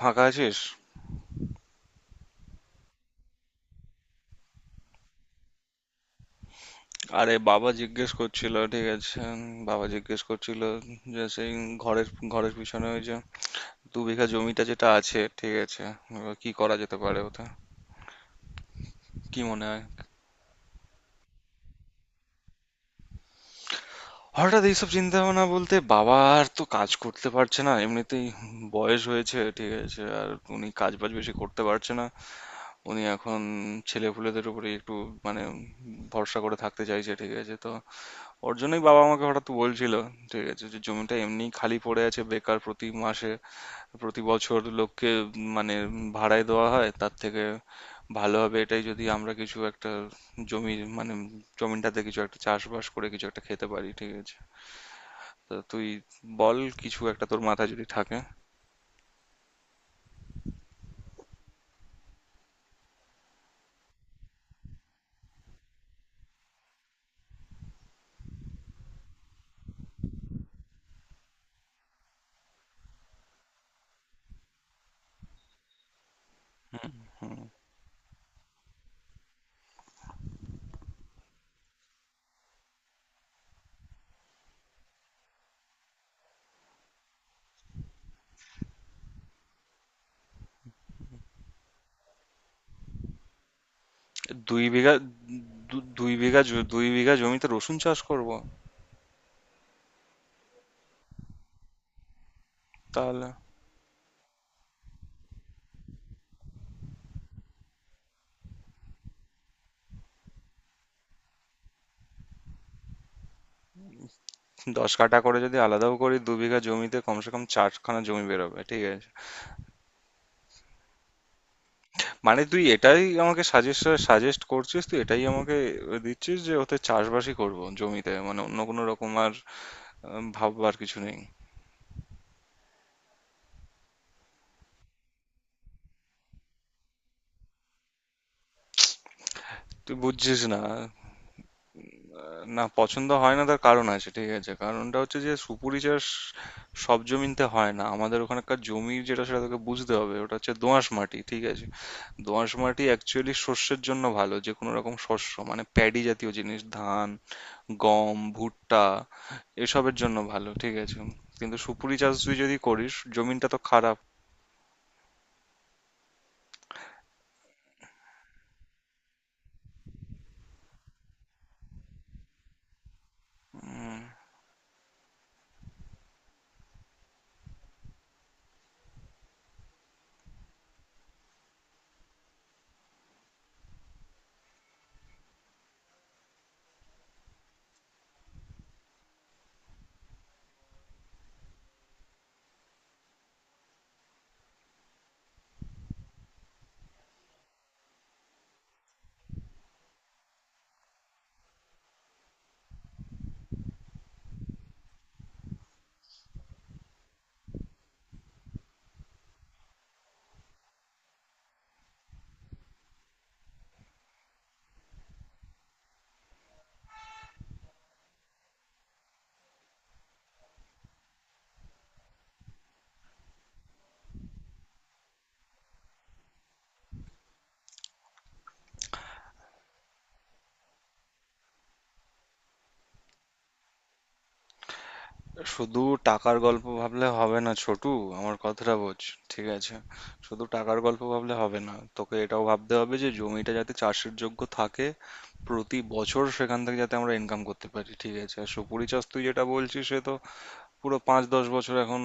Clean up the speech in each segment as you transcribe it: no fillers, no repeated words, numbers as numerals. ফাঁকা আছিস? আরে বাবা জিজ্ঞেস করছিল, ঠিক আছে, বাবা জিজ্ঞেস করছিল যে সেই ঘরের ঘরের পিছনে ওই যে 2 বিঘা জমিটা যেটা আছে, ঠিক আছে, এবার কি করা যেতে পারে ওটা, কি মনে হয়? হঠাৎ এইসব চিন্তা ভাবনা বলতে বাবা আর তো কাজ করতে পারছে না, এমনিতেই বয়স হয়েছে, ঠিক আছে, আর উনি কাজ বাজ বেশি করতে পারছে না, উনি এখন ছেলেপুলেদের উপরে একটু, মানে, ভরসা করে থাকতে চাইছে, ঠিক আছে। তো ওর জন্যই বাবা আমাকে হঠাৎ বলছিল, ঠিক আছে, যে জমিটা এমনি খালি পড়ে আছে বেকার, প্রতি মাসে প্রতি বছর লোককে মানে ভাড়ায় দেওয়া হয়, তার থেকে ভালো হবে এটাই যদি আমরা কিছু একটা জমি, মানে জমিটাতে কিছু একটা চাষবাস করে কিছু একটা খেতে পারি, ঠিক আছে। তো তুই বল, কিছু একটা তোর মাথায় যদি থাকে। 2 বিঘা, দু- দুই বিঘা জ- 2 বিঘা জমিতে রসুন চাষ করব? তাহলে 10 কাঠা করে যদি আলাদাও করি 2 বিঘা জমিতে কমসে কম চারখানা জমি বেরোবে, ঠিক আছে। মানে তুই এটাই আমাকে সাজেস্ট, করছিস তুই এটাই আমাকে দিচ্ছিস, যে ওতে চাষবাসই করব জমিতে, মানে অন্য কোনো রকম আর ভাববার কিছু নেই? তুই বুঝছিস না। না, পছন্দ হয় না তার কারণ আছে, ঠিক আছে। কারণটা হচ্ছে যে সুপুরি চাষ সব জমিতে হয় না, আমাদের ওখানকার জমি যেটা সেটা তোকে বুঝতে হবে, ওটা হচ্ছে দোআঁশ মাটি, ঠিক আছে। দোআঁশ মাটি অ্যাকচুয়ালি শস্যের জন্য ভালো, যে কোনো রকম শস্য, মানে প্যাডি জাতীয় জিনিস, ধান, গম, ভুট্টা, এসবের জন্য ভালো, ঠিক আছে। কিন্তু সুপুরি চাষ তুই যদি করিস, জমিনটা তো খারাপ। উম, শুধু টাকার গল্প ভাবলে হবে না, ছোটু। আমার কথাটা বোঝ, ঠিক আছে। শুধু টাকার গল্প ভাবলে হবে না, তোকে এটাও ভাবতে হবে যে জমিটা যাতে চাষের যোগ্য থাকে, প্রতি বছর সেখান থেকে যাতে আমরা ইনকাম করতে পারি, ঠিক আছে। আর সুপুরি চাষ তুই যেটা বলছিস সে তো পুরো 5-10 বছর এখন।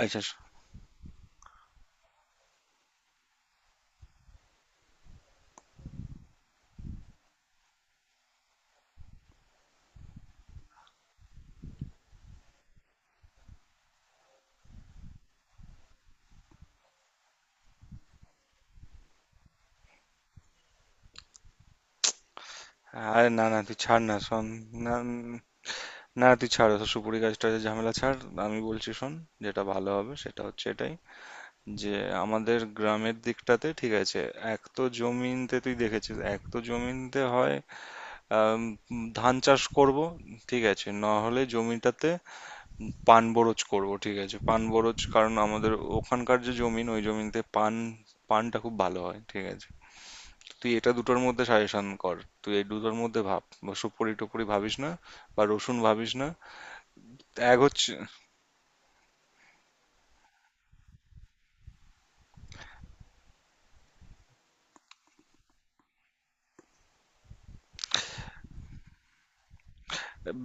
আচ্ছা। আরে না না, তুই ছাড় না, শোন। না না, তুই ছাড় ওসব সুপুরি গাছ টাছের ঝামেলা, ছাড়। আমি বলছি, শোন। যেটা ভালো হবে সেটা হচ্ছে এটাই, যে আমাদের গ্রামের দিকটাতে, ঠিক আছে, এক তো জমিনতে তুই দেখেছিস, এক তো জমিনতে হয় আম, ধান চাষ করব, ঠিক আছে। না হলে জমিটাতে পান বরজ করব, ঠিক আছে, পান বরজ। কারণ আমাদের ওখানকার যে জমিন, ওই জমিনতে পান, পানটা খুব ভালো হয়, ঠিক আছে। তুই এটা দুটোর মধ্যে সাজেশন কর, তুই এই দুটোর মধ্যে ভাব। সুপুরি টুপুরি ভাবিস না, বা রসুন ভাবিস না। এক হচ্ছে,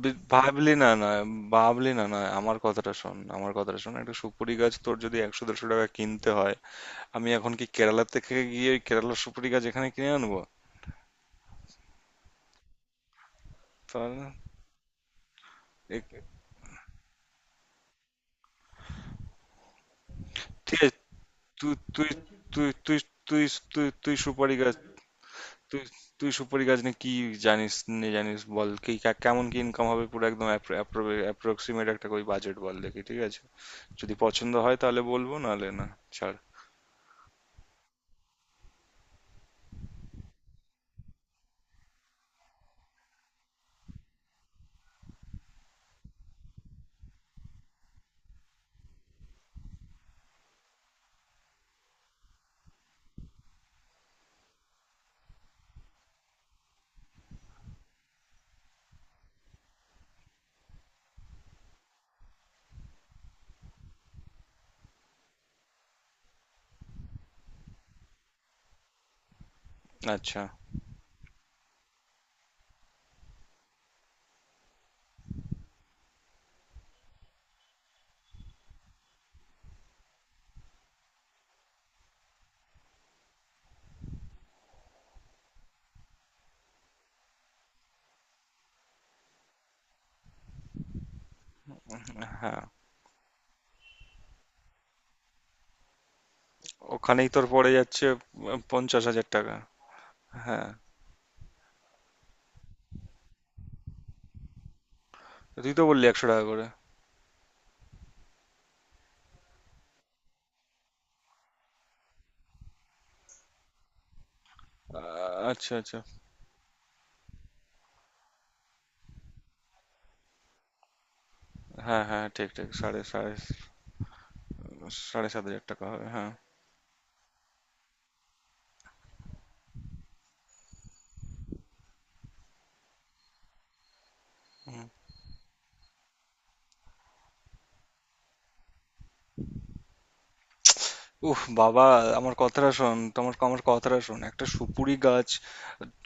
ভাবলি না না? আমার কথাটা শোন, আমার কথাটা শোন। একটা সুপুরি গাছ তোর যদি 100-150 টাকা কিনতে হয়, আমি এখন কি কেরালা থেকে গিয়ে ওই কেরালার সুপুরি গাছ এখানে কিনে আনবো? তাহলে না। এ- ঠিক আছে। তুই তুই তুই তুই তুই তুই তুই সুপারি গাছ, তুই তুই সুপারি গাছ নিয়ে কি জানিস, নিয়ে জানিস, বল কি কেমন, কি ইনকাম হবে পুরো একদম অ্যাপ্রক্সিমেট, একটা ওই বাজেট বল দেখি, ঠিক আছে। যদি পছন্দ হয় তাহলে বলবো, নাহলে না, ছাড়। আচ্ছা। হ্যাঁ, ওখানেই তোর পড়ে যাচ্ছে? 50,000 টাকা? হ্যাঁ। তুই তো বললি 100 টাকা করে। আচ্ছা আচ্ছা। হ্যাঁ হ্যাঁ, ঠিক ঠিক, সাড়ে সাড়ে 7,500 টাকা হবে, হ্যাঁ। হুম। উফ বাবা, আমার কথাটা শোন, তোমার আমার কথাটা শোন, একটা সুপুরি গাছ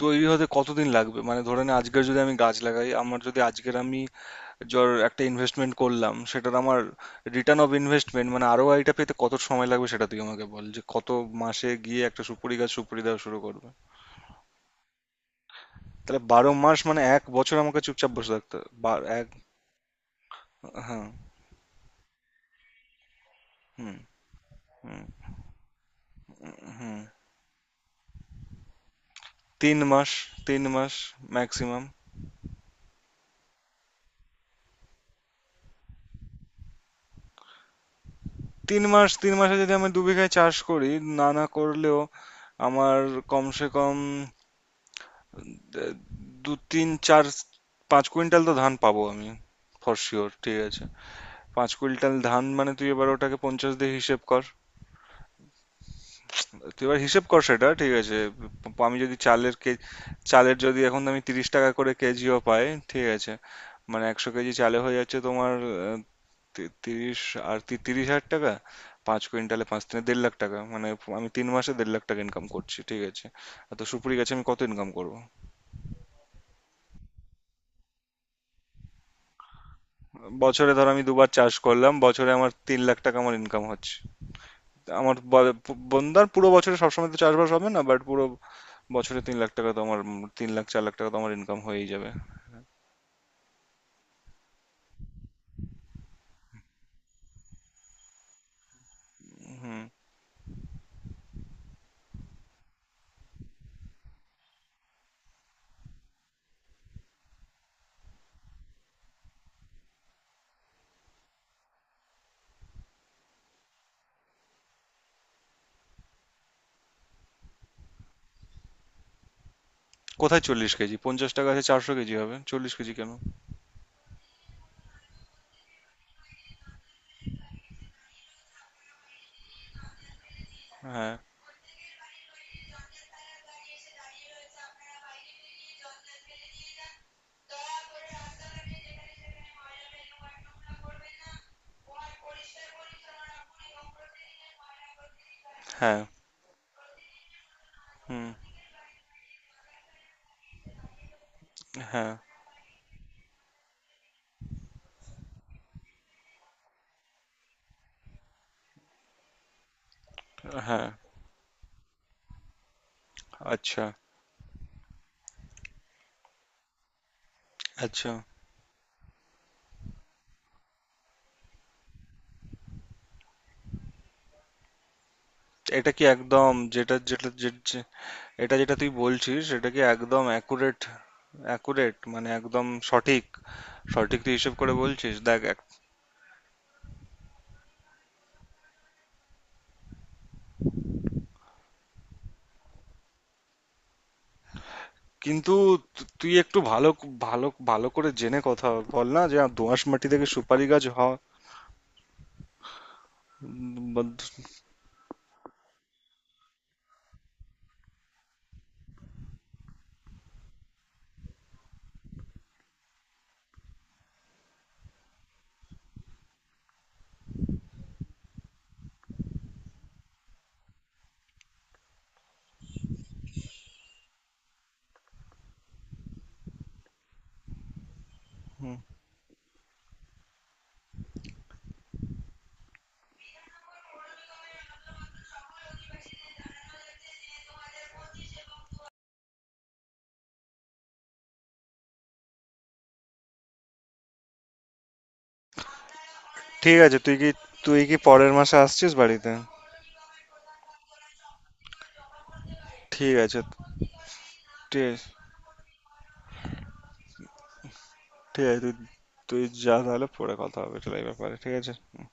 তৈরি হতে কতদিন লাগবে? মানে ধরে নে আজকের যদি আমি গাছ লাগাই, আমার যদি আজকের আমি একটা ইনভেস্টমেন্ট করলাম, সেটার আমার রিটার্ন অফ ইনভেস্টমেন্ট, মানে আরও আইটা পেতে কত সময় লাগবে, সেটা তুই আমাকে বল, যে কত মাসে গিয়ে একটা সুপুরি গাছ সুপুরি দেওয়া শুরু করবে। তাহলে 12 মাস মানে 1 বছর আমাকে চুপচাপ বসে থাকতে হবে? বা এক হ্যাঁ। হুম। হুম হুম। 3 মাস, 3 মাস, ম্যাক্সিমাম 3 মাস। 3 মাসে যদি আমি 2 বিঘায় চাষ করি, না না, করলেও আমার কমসে কম আহ, দু তিন চার 5 কুইন্টাল তো ধান পাবো আমি ফর শিওর, ঠিক আছে। 5 কুইন্টাল ধান মানে তুই এবার ওটাকে 50 দিয়ে হিসেব কর, তুই এবার হিসেব কর সেটা, ঠিক আছে। আমি যদি চালের কে, চালের যদি এখন আমি 30 টাকা করে কেজিও পাই, ঠিক আছে। মানে 100 কেজি চালে হয়ে যাচ্ছে তোমার তিরিশ, আর 30,000 টাকা, 5 কুইন্টালে পাঁচ তিনে 1,50,000 টাকা, মানে আমি 3 মাসে 1,50,000 টাকা ইনকাম করছি, ঠিক আছে। আর তো সুপুরি গাছে আমি কত ইনকাম করব? বছরে ধর আমি দুবার চাষ করলাম, বছরে আমার 3,00,000 টাকা আমার ইনকাম হচ্ছে। আমার বন্দার পুরো বছরে সবসময় তো চাষবাস হবে না, বাট পুরো বছরে 3,00,000 টাকা তো আমার, 3,00,000 4,00,000 টাকা তো আমার ইনকাম হয়েই যাবে। হুম। কোথায় 40 কেজি? 50 টাকা আছে, 400 কেজি হবে, 40 কেজি কেন? হ্যাঁ হ্যাঁ। হুম। হ্যাঁ হ্যাঁ। আচ্ছা আচ্ছা। এটা কি একদম, যেটা যেটা যে- যে- এটা যেটা তুই বলছিস সেটা কি একদম অ্যাকুরেট? অ্যাকুরেট মানে একদম সঠিক, সঠিক তুই হিসেব করে বলছিস? দেখ কিন্তু তুই একটু ভালো ভালো ভালো করে জেনে কথা বল না, যে দোআঁশ মাটি থেকে সুপারি গাছ হয়? উম, বা- হুম। ঠিক আছে, তুই কি, তুই কি পরের মাসে আসছিস বাড়িতে? ঠিক আছে। ঠিক, ঠিক আছে। তুই তুই যা তাহলে, পরে কথা হবে তাহলে এই ব্যাপারে, ঠিক আছে, হুম।